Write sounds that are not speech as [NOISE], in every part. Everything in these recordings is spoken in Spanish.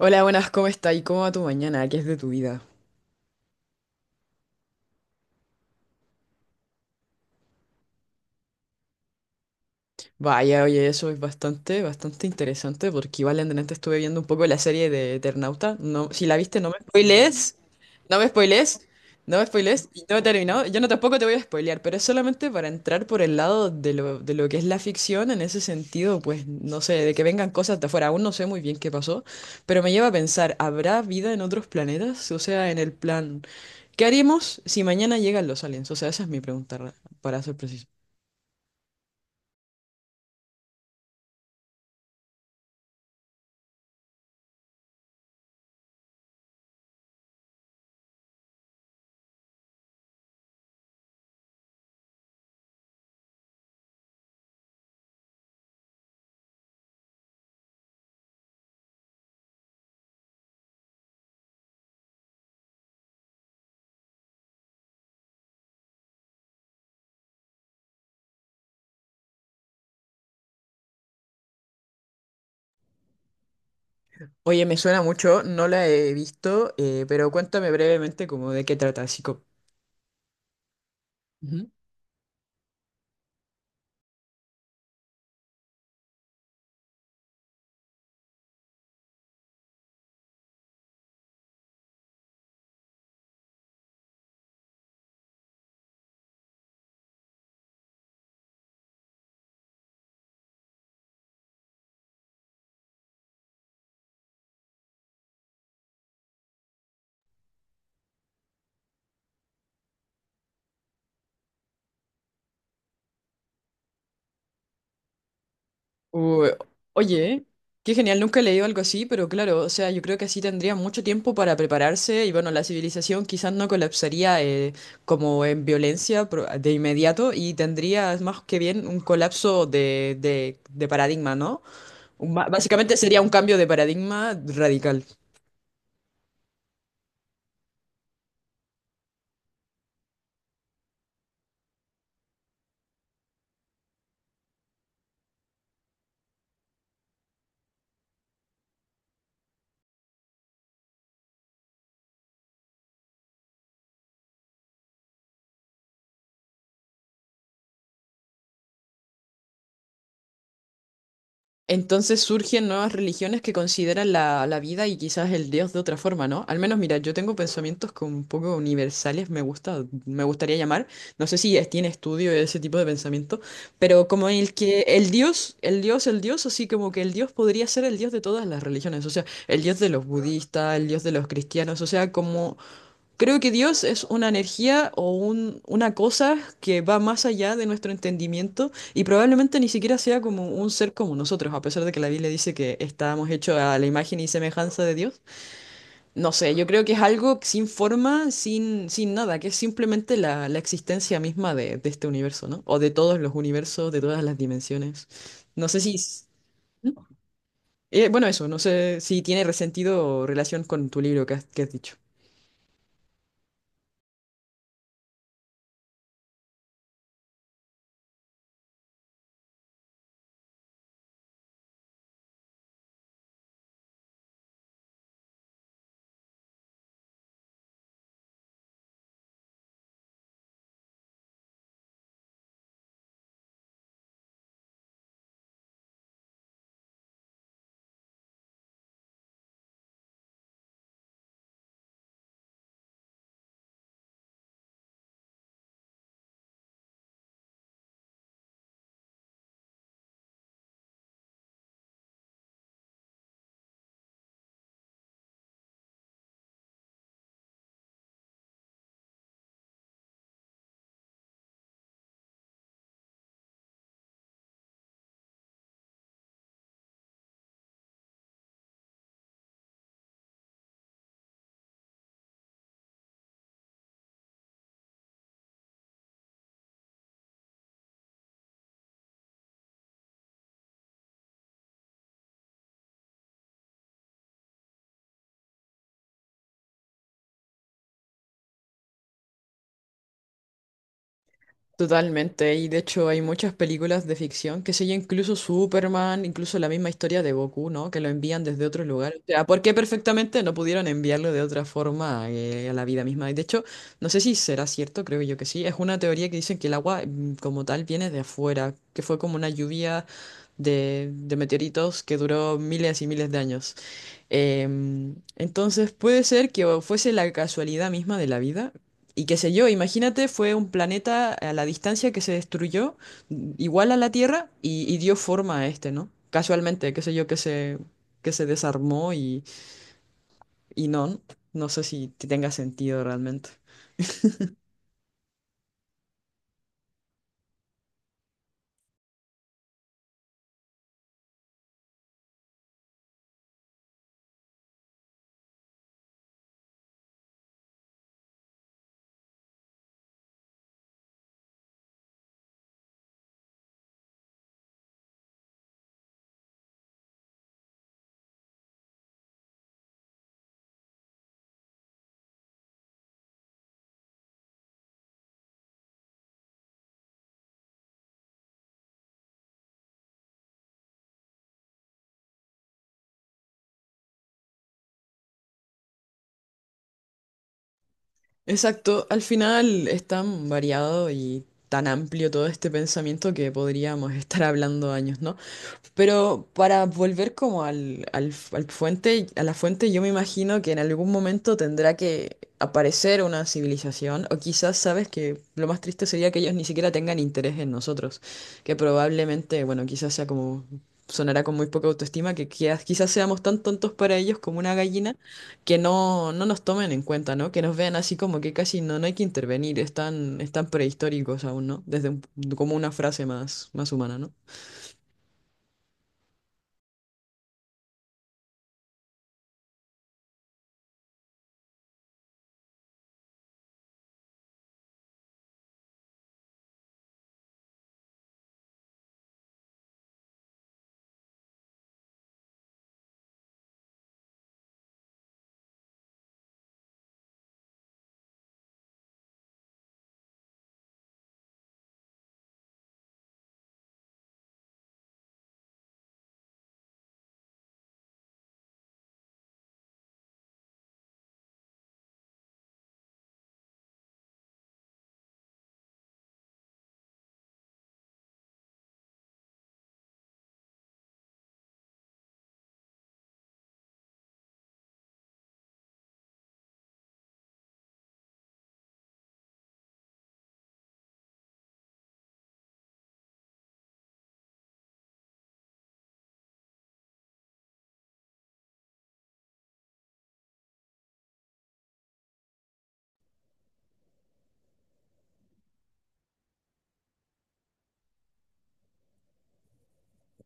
Hola, buenas, ¿cómo estás? ¿Y cómo va tu mañana? ¿Qué es de tu vida? Vaya, oye, eso es bastante interesante porque igual en delante estuve viendo un poco la serie de Eternauta. No, si la viste, no me spoilees. No me spoilees. No me spoilees. No he terminado. Yo no tampoco te voy a spoilear, pero es solamente para entrar por el lado de lo que es la ficción. En ese sentido, pues no sé, de que vengan cosas de afuera. Aún no sé muy bien qué pasó, pero me lleva a pensar, ¿habrá vida en otros planetas? O sea, en el plan, ¿qué haríamos si mañana llegan los aliens? O sea, esa es mi pregunta, para ser preciso. Oye, me suena mucho, no la he visto, pero cuéntame brevemente como de qué trata, así Ujú. Uy, oye, qué genial, nunca he leído algo así, pero claro, o sea, yo creo que así tendría mucho tiempo para prepararse y bueno, la civilización quizás no colapsaría como en violencia de inmediato y tendrías más que bien un colapso de paradigma, ¿no? Básicamente sería un cambio de paradigma radical. Entonces surgen nuevas religiones que consideran la vida y quizás el Dios de otra forma, ¿no? Al menos, mira, yo tengo pensamientos como un poco universales, me gustaría llamar. No sé si tiene estudio ese tipo de pensamiento, pero como el que el Dios, así como que el Dios podría ser el Dios de todas las religiones, o sea, el Dios de los budistas, el Dios de los cristianos, o sea, como Creo que Dios es una energía o una cosa que va más allá de nuestro entendimiento y probablemente ni siquiera sea como un ser como nosotros, a pesar de que la Biblia dice que estábamos hechos a la imagen y semejanza de Dios. No sé, yo creo que es algo sin forma, sin nada, que es simplemente la existencia misma de este universo, ¿no? O de todos los universos, de todas las dimensiones. No sé si... bueno, eso, no sé si tiene resentido o relación con tu libro que has dicho. Totalmente, y de hecho hay muchas películas de ficción, que sé yo, incluso Superman, incluso la misma historia de Goku, ¿no? Que lo envían desde otro lugar. O sea, ¿por qué perfectamente no pudieron enviarlo de otra forma a la vida misma? Y de hecho, no sé si será cierto, creo yo que sí. Es una teoría que dicen que el agua como tal viene de afuera, que fue como una lluvia de meteoritos que duró miles y miles de años. Entonces puede ser que o fuese la casualidad misma de la vida. Y qué sé yo, imagínate, fue un planeta a la distancia que se destruyó, igual a la Tierra, y dio forma a este, ¿no? Casualmente, qué sé yo, que se desarmó y no, no sé si tenga sentido realmente. Exacto, al final es tan variado y tan amplio todo este pensamiento que podríamos [LAUGHS] estar hablando años, ¿no? Pero para volver como al a la fuente, yo me imagino que en algún momento tendrá que aparecer una civilización, o quizás sabes que lo más triste sería que ellos ni siquiera tengan interés en nosotros, que probablemente, bueno, quizás sea como, sonará con muy poca autoestima, que quizás seamos tan tontos para ellos como una gallina, que no, no nos tomen en cuenta, ¿no? Que nos vean así como que casi no, no hay que intervenir, están prehistóricos aún, ¿no? Como una frase más humana, ¿no?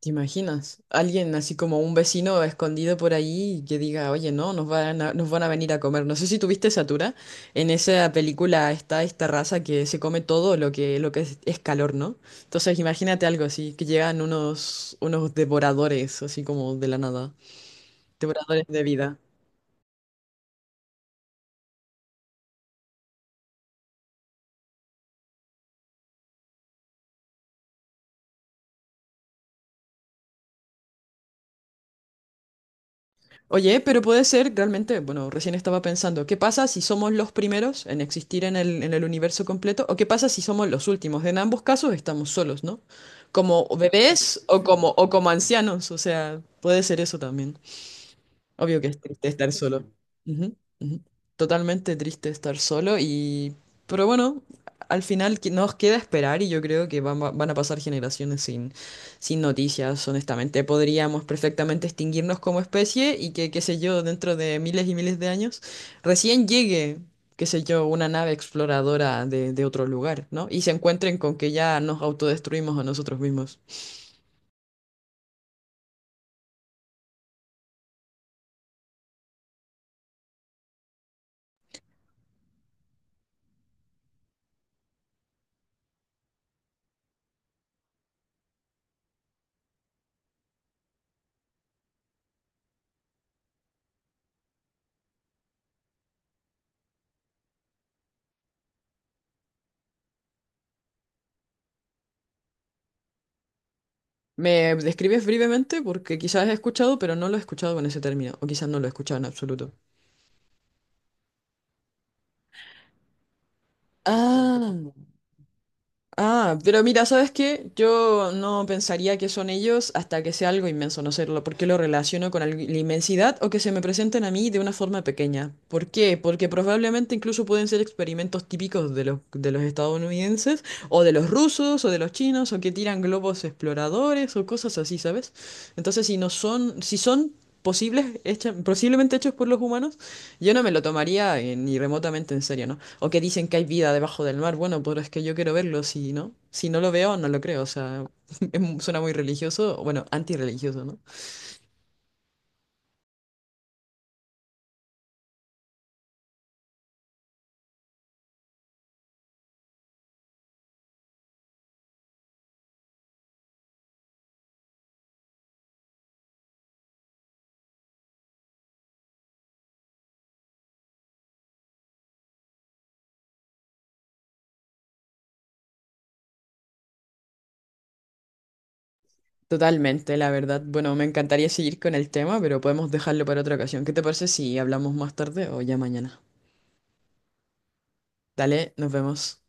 ¿Te imaginas? Alguien así como un vecino escondido por ahí que diga, oye, no, nos van a venir a comer. No sé si tuviste Satura. En esa película está esta raza que se come todo lo que es calor, ¿no? Entonces imagínate algo así, que llegan unos devoradores, así como de la nada. Devoradores de vida. Oye, pero puede ser realmente, bueno, recién estaba pensando, ¿qué pasa si somos los primeros en existir en el universo completo? ¿O qué pasa si somos los últimos? En ambos casos estamos solos, ¿no? Como bebés o como ancianos, o sea, puede ser eso también. Obvio que es triste estar solo. Ujú, ujú. Totalmente triste estar solo y... Pero bueno, al final nos queda esperar y yo creo que van a pasar generaciones sin, sin noticias, honestamente. Podríamos perfectamente extinguirnos como especie y que, qué sé yo, dentro de miles y miles de años, recién llegue, qué sé yo, una nave exploradora de otro lugar, ¿no? Y se encuentren con que ya nos autodestruimos a nosotros mismos. ¿Me describes brevemente? Porque quizás he escuchado, pero no lo he escuchado con ese término, o quizás no lo he escuchado en absoluto. Ah, ah, pero mira, ¿sabes qué? Yo no pensaría que son ellos hasta que sea algo inmenso, no sé, porque lo relaciono con la inmensidad o que se me presenten a mí de una forma pequeña. ¿Por qué? Porque probablemente incluso pueden ser experimentos típicos de los estadounidenses, o de los rusos, o de los chinos, o que tiran globos exploradores, o cosas así, ¿sabes? Entonces, si son posibles, posiblemente hechos por los humanos, yo no me lo tomaría ni remotamente en serio, ¿no? O que dicen que hay vida debajo del mar, bueno, pero es que yo quiero verlo, si no, si no lo veo, no lo creo, o sea, [LAUGHS] es suena muy religioso, o bueno, antirreligioso, ¿no? Totalmente, la verdad. Bueno, me encantaría seguir con el tema, pero podemos dejarlo para otra ocasión. ¿Qué te parece si hablamos más tarde o ya mañana? Dale, nos vemos.